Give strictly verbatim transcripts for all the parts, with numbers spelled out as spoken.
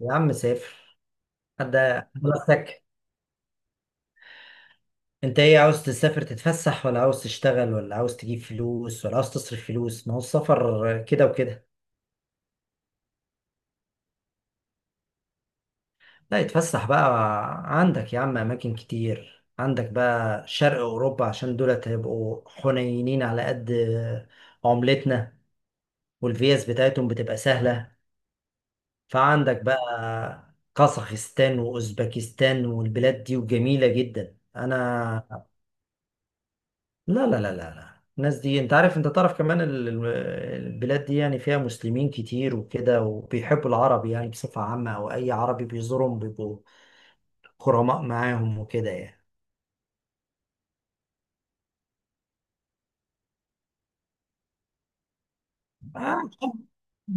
يا عم سافر. حد؟ حضرتك، انت ايه عاوز تسافر تتفسح، ولا عاوز تشتغل، ولا عاوز تجيب فلوس، ولا عاوز تصرف فلوس؟ ما هو السفر كده وكده. لا يتفسح بقى، عندك يا عم اماكن كتير، عندك بقى شرق اوروبا عشان دولت هيبقوا حنينين على قد عملتنا، والفيز بتاعتهم بتبقى سهلة. فعندك بقى قزاخستان واوزبكستان والبلاد دي، وجميلة جدا انا. لا لا لا لا لا، الناس دي انت عارف، انت تعرف كمان ال- ال- البلاد دي يعني فيها مسلمين كتير وكده، وبيحبوا العرب يعني بصفة عامة، او اي عربي بيزورهم بيبقوا غرماء معاهم وكده يعني. آه،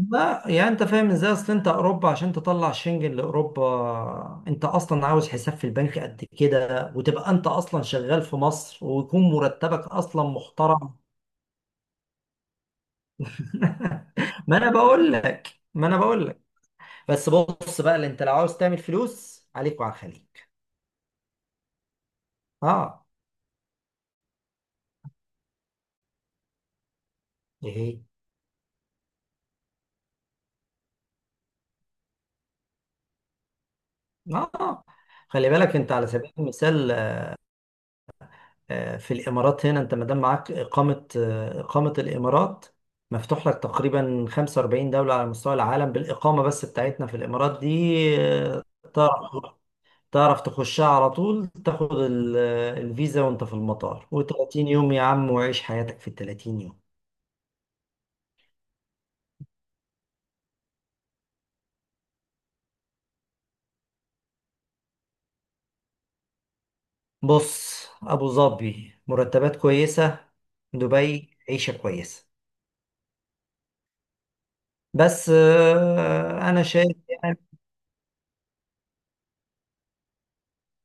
لا يعني انت فاهم ازاي، اصل انت اوروبا عشان تطلع شنجن لاوروبا انت اصلا عاوز حساب في البنك قد كده، وتبقى انت اصلا شغال في مصر ويكون مرتبك اصلا محترم. ما انا بقول لك ما انا بقول لك بس بص بقى، اللي انت لو عاوز تعمل فلوس عليك وعلى الخليج. اه. ايه. اه. خلي بالك انت على سبيل المثال، آه، في الامارات هنا انت ما دام معاك اقامه، آه، اقامه الامارات مفتوح لك تقريبا خمسة وأربعين دوله على مستوى العالم، بالاقامه بس بتاعتنا في الامارات دي. آه، تعرف تعرف تخشها على طول، تاخد ال- آه، الفيزا وانت في المطار، و30 يوم يا عم، وعيش حياتك في ال ثلاثين يوم. بص، أبو ظبي مرتبات كويسة، دبي عيشة كويسة. بس آه، أنا شايف يعني.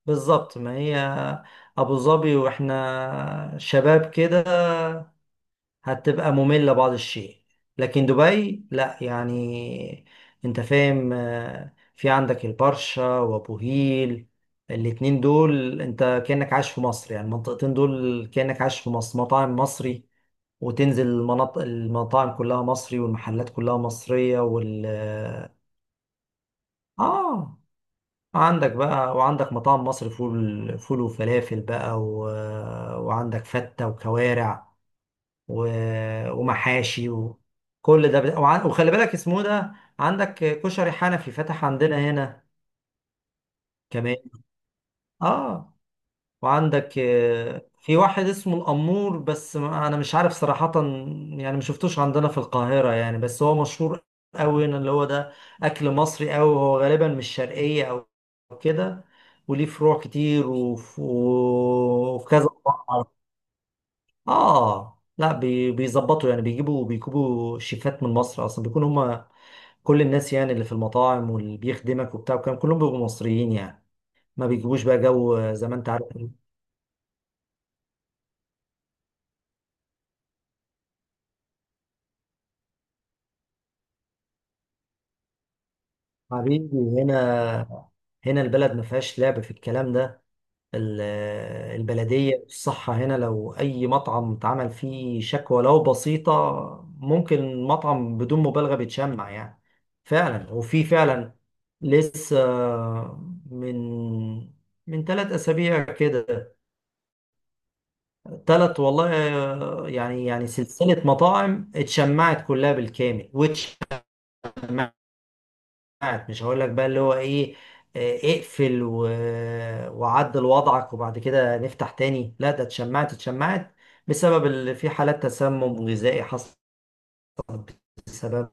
بالظبط، ما هي أبو ظبي وإحنا شباب كده هتبقى مملة بعض الشيء، لكن دبي لأ يعني. أنت فاهم، آه، في عندك البرشا وأبو هيل، الاتنين دول أنت كأنك عايش في مصر، يعني المنطقتين دول كأنك عايش في مصر، مطاعم مصري، وتنزل المناطق المطاعم كلها مصري، والمحلات كلها مصرية وال... آه، عندك بقى، وعندك مطاعم مصر، فول فول وفلافل بقى و... وعندك فتة وكوارع و... ومحاشي، وكل ده بت- وع... وخلي بالك اسمه ده. عندك كشري حنفي فتح عندنا هنا كمان. اه. وعندك آه، في واحد اسمه الأمور، بس ما- أنا مش عارف صراحة يعني، ما شفتوش عندنا في القاهرة يعني، بس هو مشهور أوي هنا، اللي هو ده أكل مصري أوي، هو غالبا مش شرقية أو كده. وليه فروع كتير، وف- وفي كذا فرع. آه لا، بي- بيظبطوا يعني، بيجيبوا بيجيبوا شيفات من مصر، أصلا بيكون هما كل الناس يعني اللي في المطاعم واللي بيخدمك وبتاع، وكان كلهم بيبقوا مصريين يعني. ما بيجيبوش بقى جو، آه، زي ما أنت عارف. حبيبي، هنا هنا البلد ما فيهاش لعب في الكلام ده. ال- البلدية الصحة هنا، لو أي مطعم اتعمل فيه شكوى لو بسيطة، ممكن المطعم بدون مبالغة بيتشمع يعني. فعلا، وفي فعلا لسه من من ثلاث أسابيع كده، ثلاث والله، يعني يعني سلسلة مطاعم اتشمعت كلها بالكامل، واتشمعت ساعات مش هقول لك بقى اللي هو ايه، آه، اقفل و... وعدل وضعك وبعد كده نفتح تاني، لا ده اتشمعت اتشمعت بسبب اللي في حالات تسمم غذائي حصلت بسببها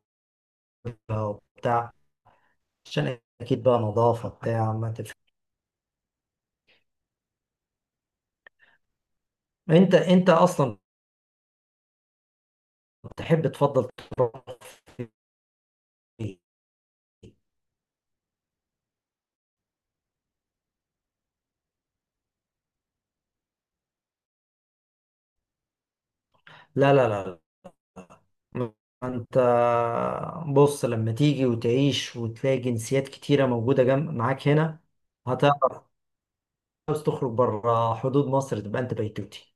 وبتاع، عشان اكيد بقى نظافة بتاع ما تف... انت انت اصلا تحب تفضل تروح في إيه؟ لا لا لا لا. انت بص، لما تيجي وتعيش وتلاقي جنسيات كتيرة موجودة جنب معاك هنا هتعرف، عاوز تخرج بره حدود مصر تبقى انت بيتوتي.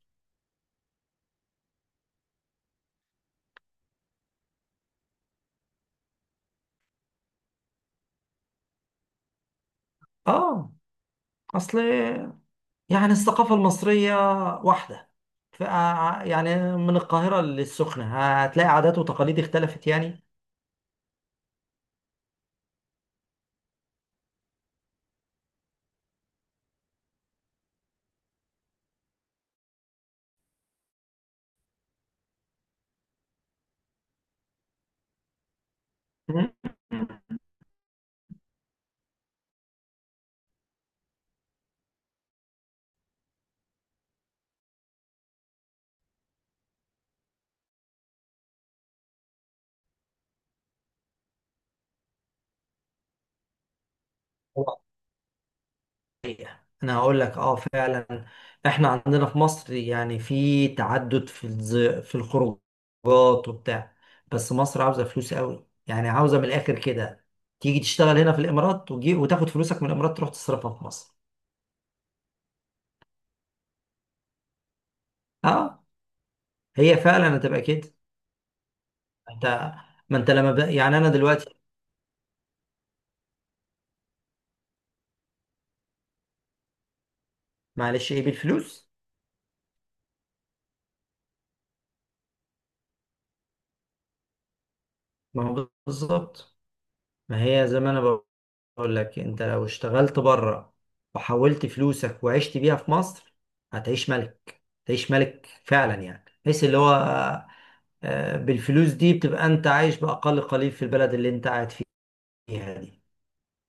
اه، اصل يعني الثقافة المصرية واحدة، ف آه، يعني من القاهرة للسخنة هتلاقي عادات وتقاليد اختلفت يعني. مم. انا هقول لك اه فعلا، احنا عندنا في مصر يعني في تعدد في الز... في الخروجات وبتاع، بس مصر عاوزة فلوس قوي يعني، عاوزة من الاخر كده تيجي تشتغل هنا في الامارات، وتجي... وتاخد فلوسك من الامارات تروح تصرفها في مصر. اه، هي فعلا هتبقى كده. انت ما انت لما ب... يعني انا دلوقتي معلش ايه بالفلوس، ما هو بالظبط. ما هي زي ما انا بقول لك، انت لو اشتغلت بره وحولت فلوسك وعشت بيها في مصر هتعيش ملك، تعيش ملك فعلا يعني، بحيث اللي هو آه، بالفلوس دي بتبقى انت عايش باقل قليل في البلد اللي انت قاعد فيها دي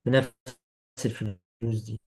بنفس الفلوس دي.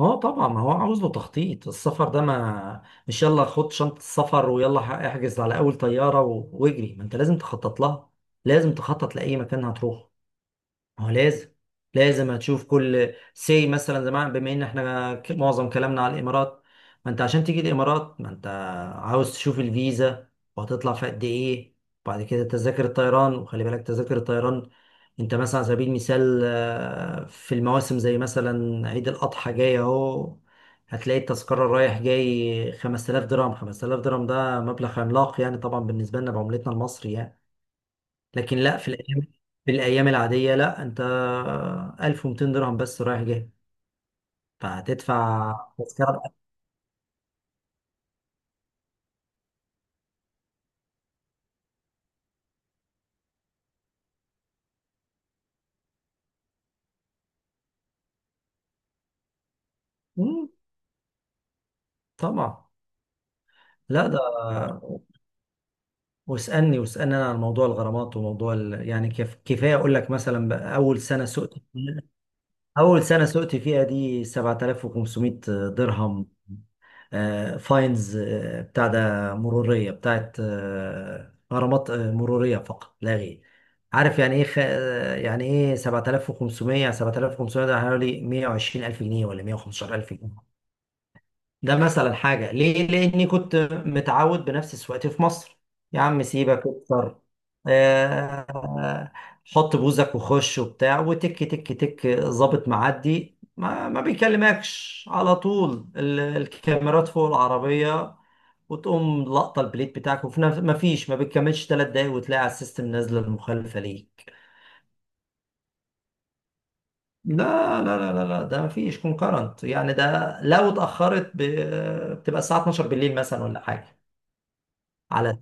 اه طبعا، ما هو عاوز له تخطيط، السفر ده ما مش يلا خد شنطة السفر ويلا ح- احجز على اول طيارة و... واجري، ما انت لازم تخطط لها، لازم تخطط لأي مكان هتروح. ما هو لازم لازم هتشوف كل سي، مثلا زمان بما ان احنا ك- معظم كلامنا على الامارات، ما انت عشان تيجي الامارات ما انت عاوز تشوف الفيزا، وهتطلع في قد ايه، وبعد كده تذاكر الطيران، وخلي بالك تذاكر الطيران انت مثلا على سبيل المثال، آه، في المواسم زي مثلا عيد الاضحى جاي اهو، هتلاقي التذكرة رايح جاي خمسة آلاف درهم، خمسة آلاف درهم ده مبلغ عملاق يعني طبعا بالنسبة لنا بعملتنا المصري يعني. لكن لا، في الايام في الايام العاديه لا، انت ألف ومائتين درهم بس رايح جاي، فهتدفع تذكره. مم، طبعا. لا ده واسالني واسالني انا عن موضوع الغرامات وموضوع ال... يعني كيف، كفايه اقول لك مثلا بقى، اول سنه سقت اول سنه سقت فيها دي سبعة آلاف وخمسمائة درهم فاينز، آه، بتاع، ده مرورية بتاعت آه، غرامات آه، مرورية فقط لا غير، عارف يعني ايه خ... آه، يعني ايه سبعة آلاف وخمسمية، سبعة آلاف وخمسمية ده حوالي مية وعشرين الف جنيه ولا مية وخمسة عشر الف جنيه. ده مثلا حاجة ليه؟ لأني كنت متعود بنفس سواقتي في مصر، يا عم سيبك اكتر، آه، حط بوزك وخش وبتاع وتك تك تك، ظابط معدي ما, ما بيكلمكش، على طول ال- الكاميرات فوق العربية وتقوم لقطة البليت بتاعك، وفي نفس ما فيش، ما بتكملش ثلاث دقايق وتلاقي على السيستم نازلة المخالفة ليك. لا لا لا لا لا، ده ما فيش كونكرنت يعني، ده لو اتأخرت ب- بتبقى الساعة اتناشر بالليل مثلا ولا حاجة، على...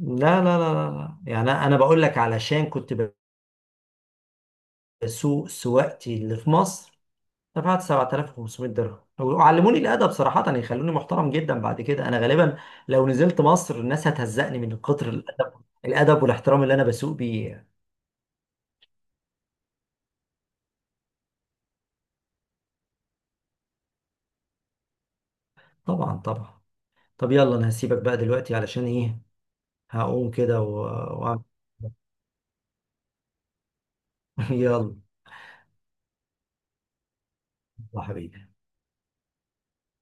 لا لا لا لا. لا. يعني انا بقول لك علشان كنت بسوق سواقتي اللي في مصر، دفعت سبعة آلاف وخمسمائة درهم، وعلموني الادب صراحه، يخلوني محترم جدا بعد كده. انا غالبا لو نزلت مصر الناس هتهزقني من كتر الادب، الادب والاحترام اللي انا بسوق بيه. طبعا طبعا. طب يلا انا هسيبك بقى دلوقتي علشان ايه، هقوم كده و... وأعمل- يلا. يا حبيبي.